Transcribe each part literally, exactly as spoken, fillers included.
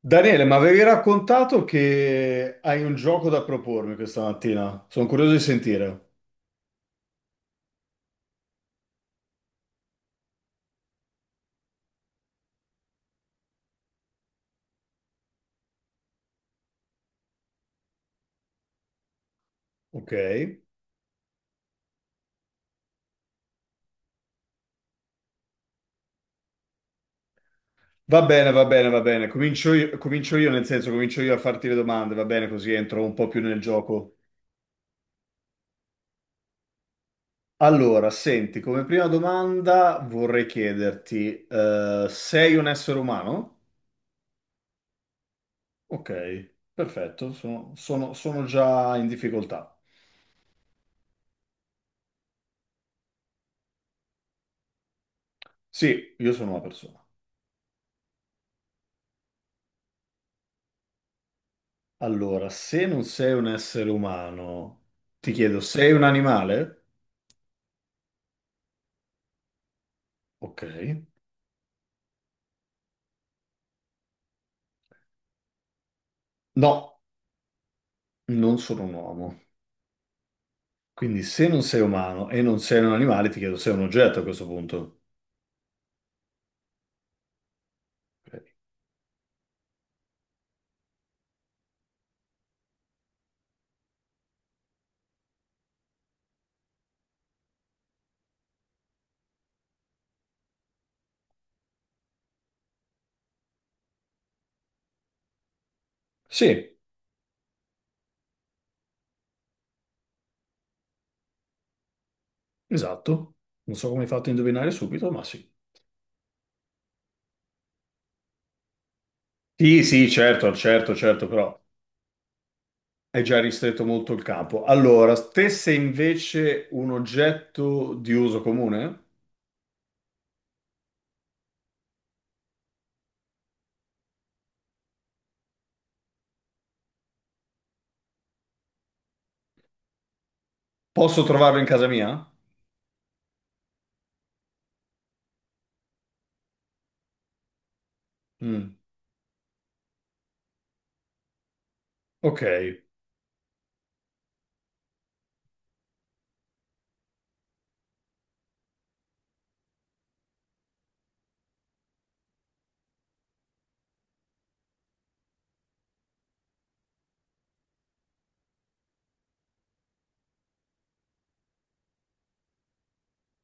Daniele, ma avevi raccontato che hai un gioco da propormi questa mattina? Sono curioso di sentire. Ok. Va bene, va bene, va bene. Comincio io, comincio io, nel senso, comincio io a farti le domande, va bene, così entro un po' più nel gioco. Allora, senti, come prima domanda vorrei chiederti, eh, sei un essere umano? Ok, perfetto, sono sono- sono già in difficoltà. Sì, io sono una persona. Allora, se non sei un essere umano, ti chiedo, sei un animale? Ok. No, non sono un uomo. Quindi se non sei umano e non sei un animale, ti chiedo, sei un oggetto a questo punto? Ok. Sì, esatto. Non so come hai fatto a indovinare subito, ma sì. Sì, sì, certo, certo, certo, però hai già ristretto molto il campo. Allora, te sei invece un oggetto di uso comune? Posso trovarlo in casa mia? Mm, ok.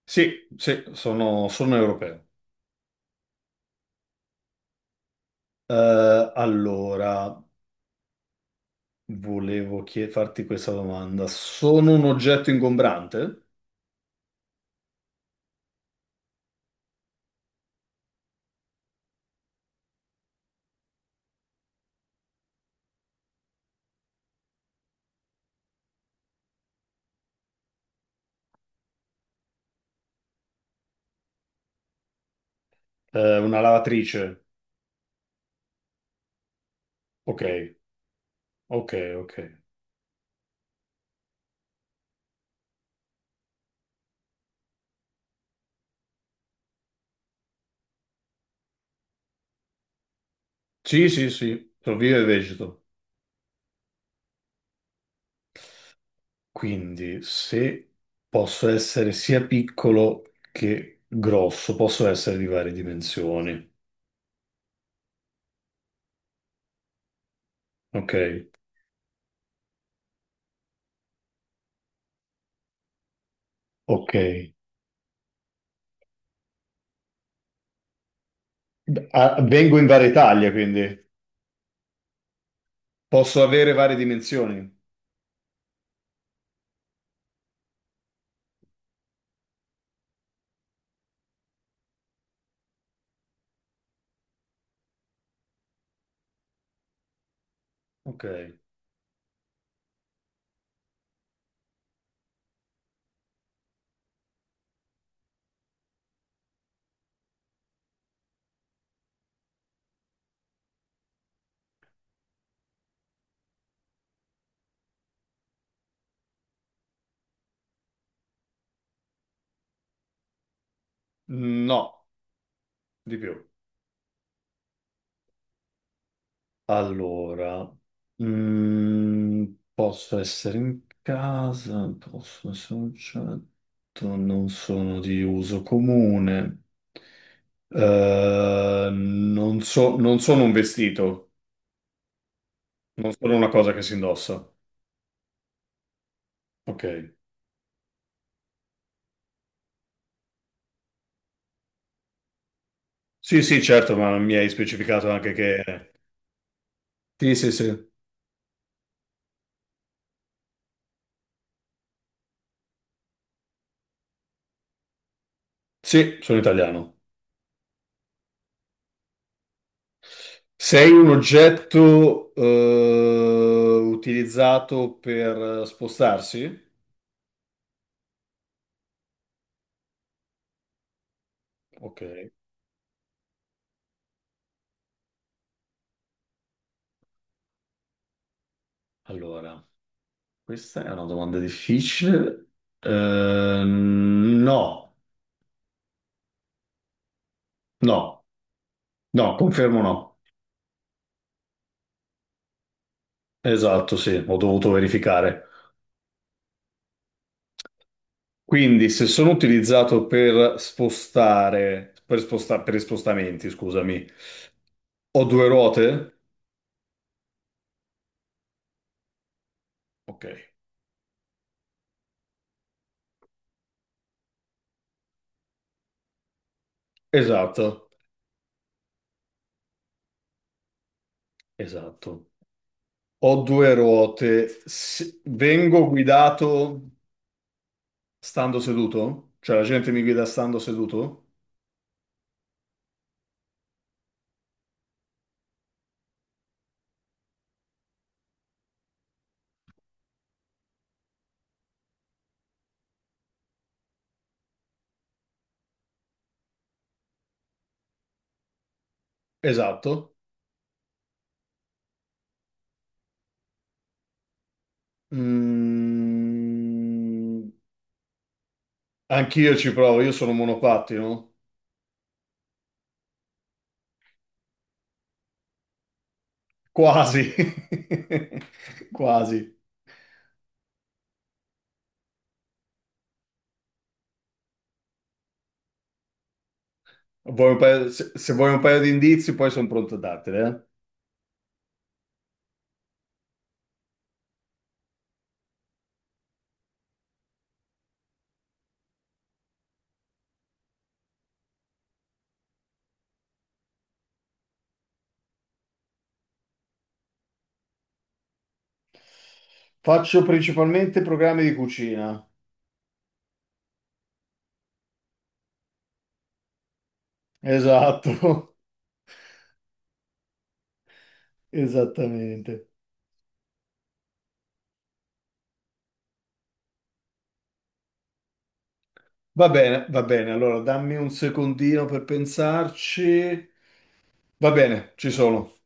Sì, sì, sono, sono europeo. Eh, allora, volevo chie- farti questa domanda. Sono un oggetto ingombrante? Eh, una lavatrice? Ok, ok, ok. Sì, sì, sì, sono vivo e vegeto. Quindi, se posso essere sia piccolo che grosso, posso essere di varie dimensioni. Ok, ok. Ah, vengo in varie taglie, quindi. Posso avere varie dimensioni? Ok. No. Di più. Allora, mm, posso essere in casa, posso essere un oggetto, non sono di uso comune. Eh, non so- non sono un vestito, non sono una cosa che si indossa. Ok. Sì, sì, certo, ma mi hai specificato anche che... Sì, sì, sì. Sì, sono italiano. Sei un oggetto, eh, utilizzato per spostarsi? Ok, allora, questa è una domanda difficile. Ehm, no, no, no, confermo no. Esatto, sì, ho dovuto verificare. Quindi, se sono utilizzato per spostare, per sposta- per i spostamenti, scusami, ho due ruote? Ok, esatto, esatto. Ho due ruote. S- vengo guidato stando seduto? Cioè, la gente mi guida stando seduto? Esatto. Mm, anch'io ci provo, io sono monopattino. Quasi. Quasi. Vuoi un paio- se, se vuoi un paio di indizi, poi sono pronto a darteli, eh. Faccio principalmente programmi di cucina. Esatto, esattamente. Va bene, va bene. Allora, dammi un secondino per pensarci. Va bene, ci sono.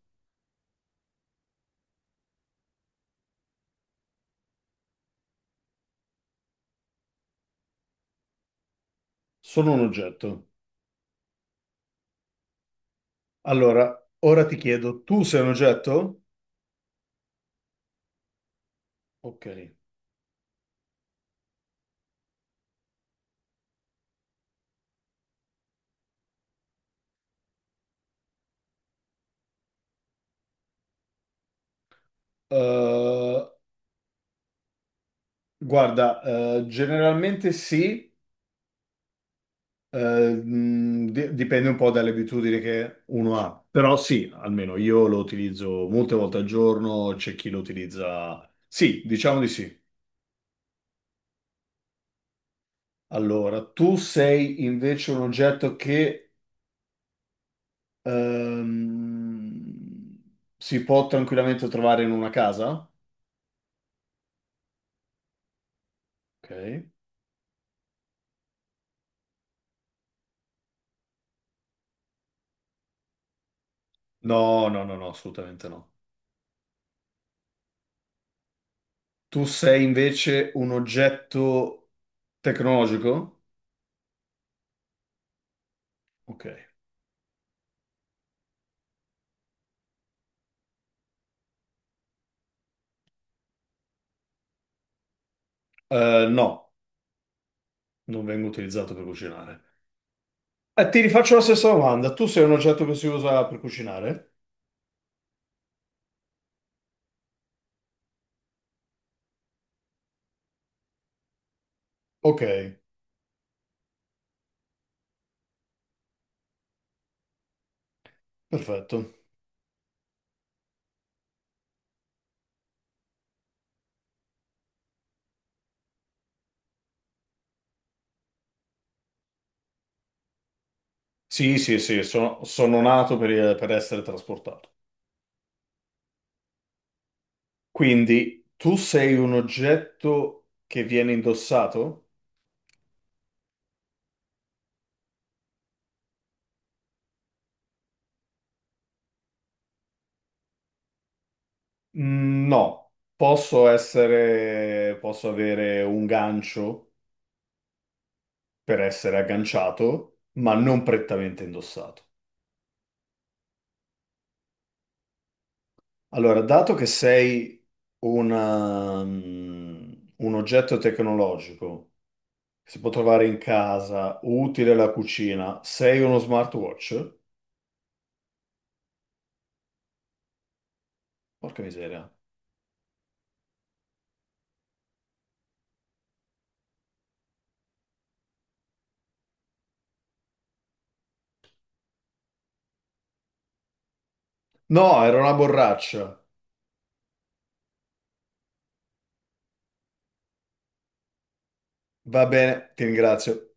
Sono un oggetto. Allora, ora ti chiedo, tu sei un oggetto? Ok. Eh, guarda, eh, generalmente sì, eh, mh, di- dipende un po' dalle abitudini che uno ha, però sì, almeno io lo utilizzo molte volte al giorno, c'è chi lo utilizza. Sì, diciamo di sì. Allora, tu sei invece un oggetto che ehm, si può tranquillamente trovare in una casa? Ok. No, no, no, no, assolutamente no. Tu sei invece un oggetto tecnologico? Ok. Eh, no, non vengo utilizzato per cucinare. Eh, ti rifaccio la stessa domanda. Tu sei un oggetto che si usa per cucinare? Ok, perfetto. Sì, sì, sì, sono, sono nato per, per essere trasportato. Quindi tu sei un oggetto che viene indossato? Mm, no, posso essere, posso avere un gancio per essere agganciato, ma non prettamente indossato. Allora, dato che sei una, mm, un oggetto tecnologico che si può trovare in casa, utile alla cucina, sei uno smartwatch? Porca miseria. No, era una borraccia. Va bene, ti ringrazio.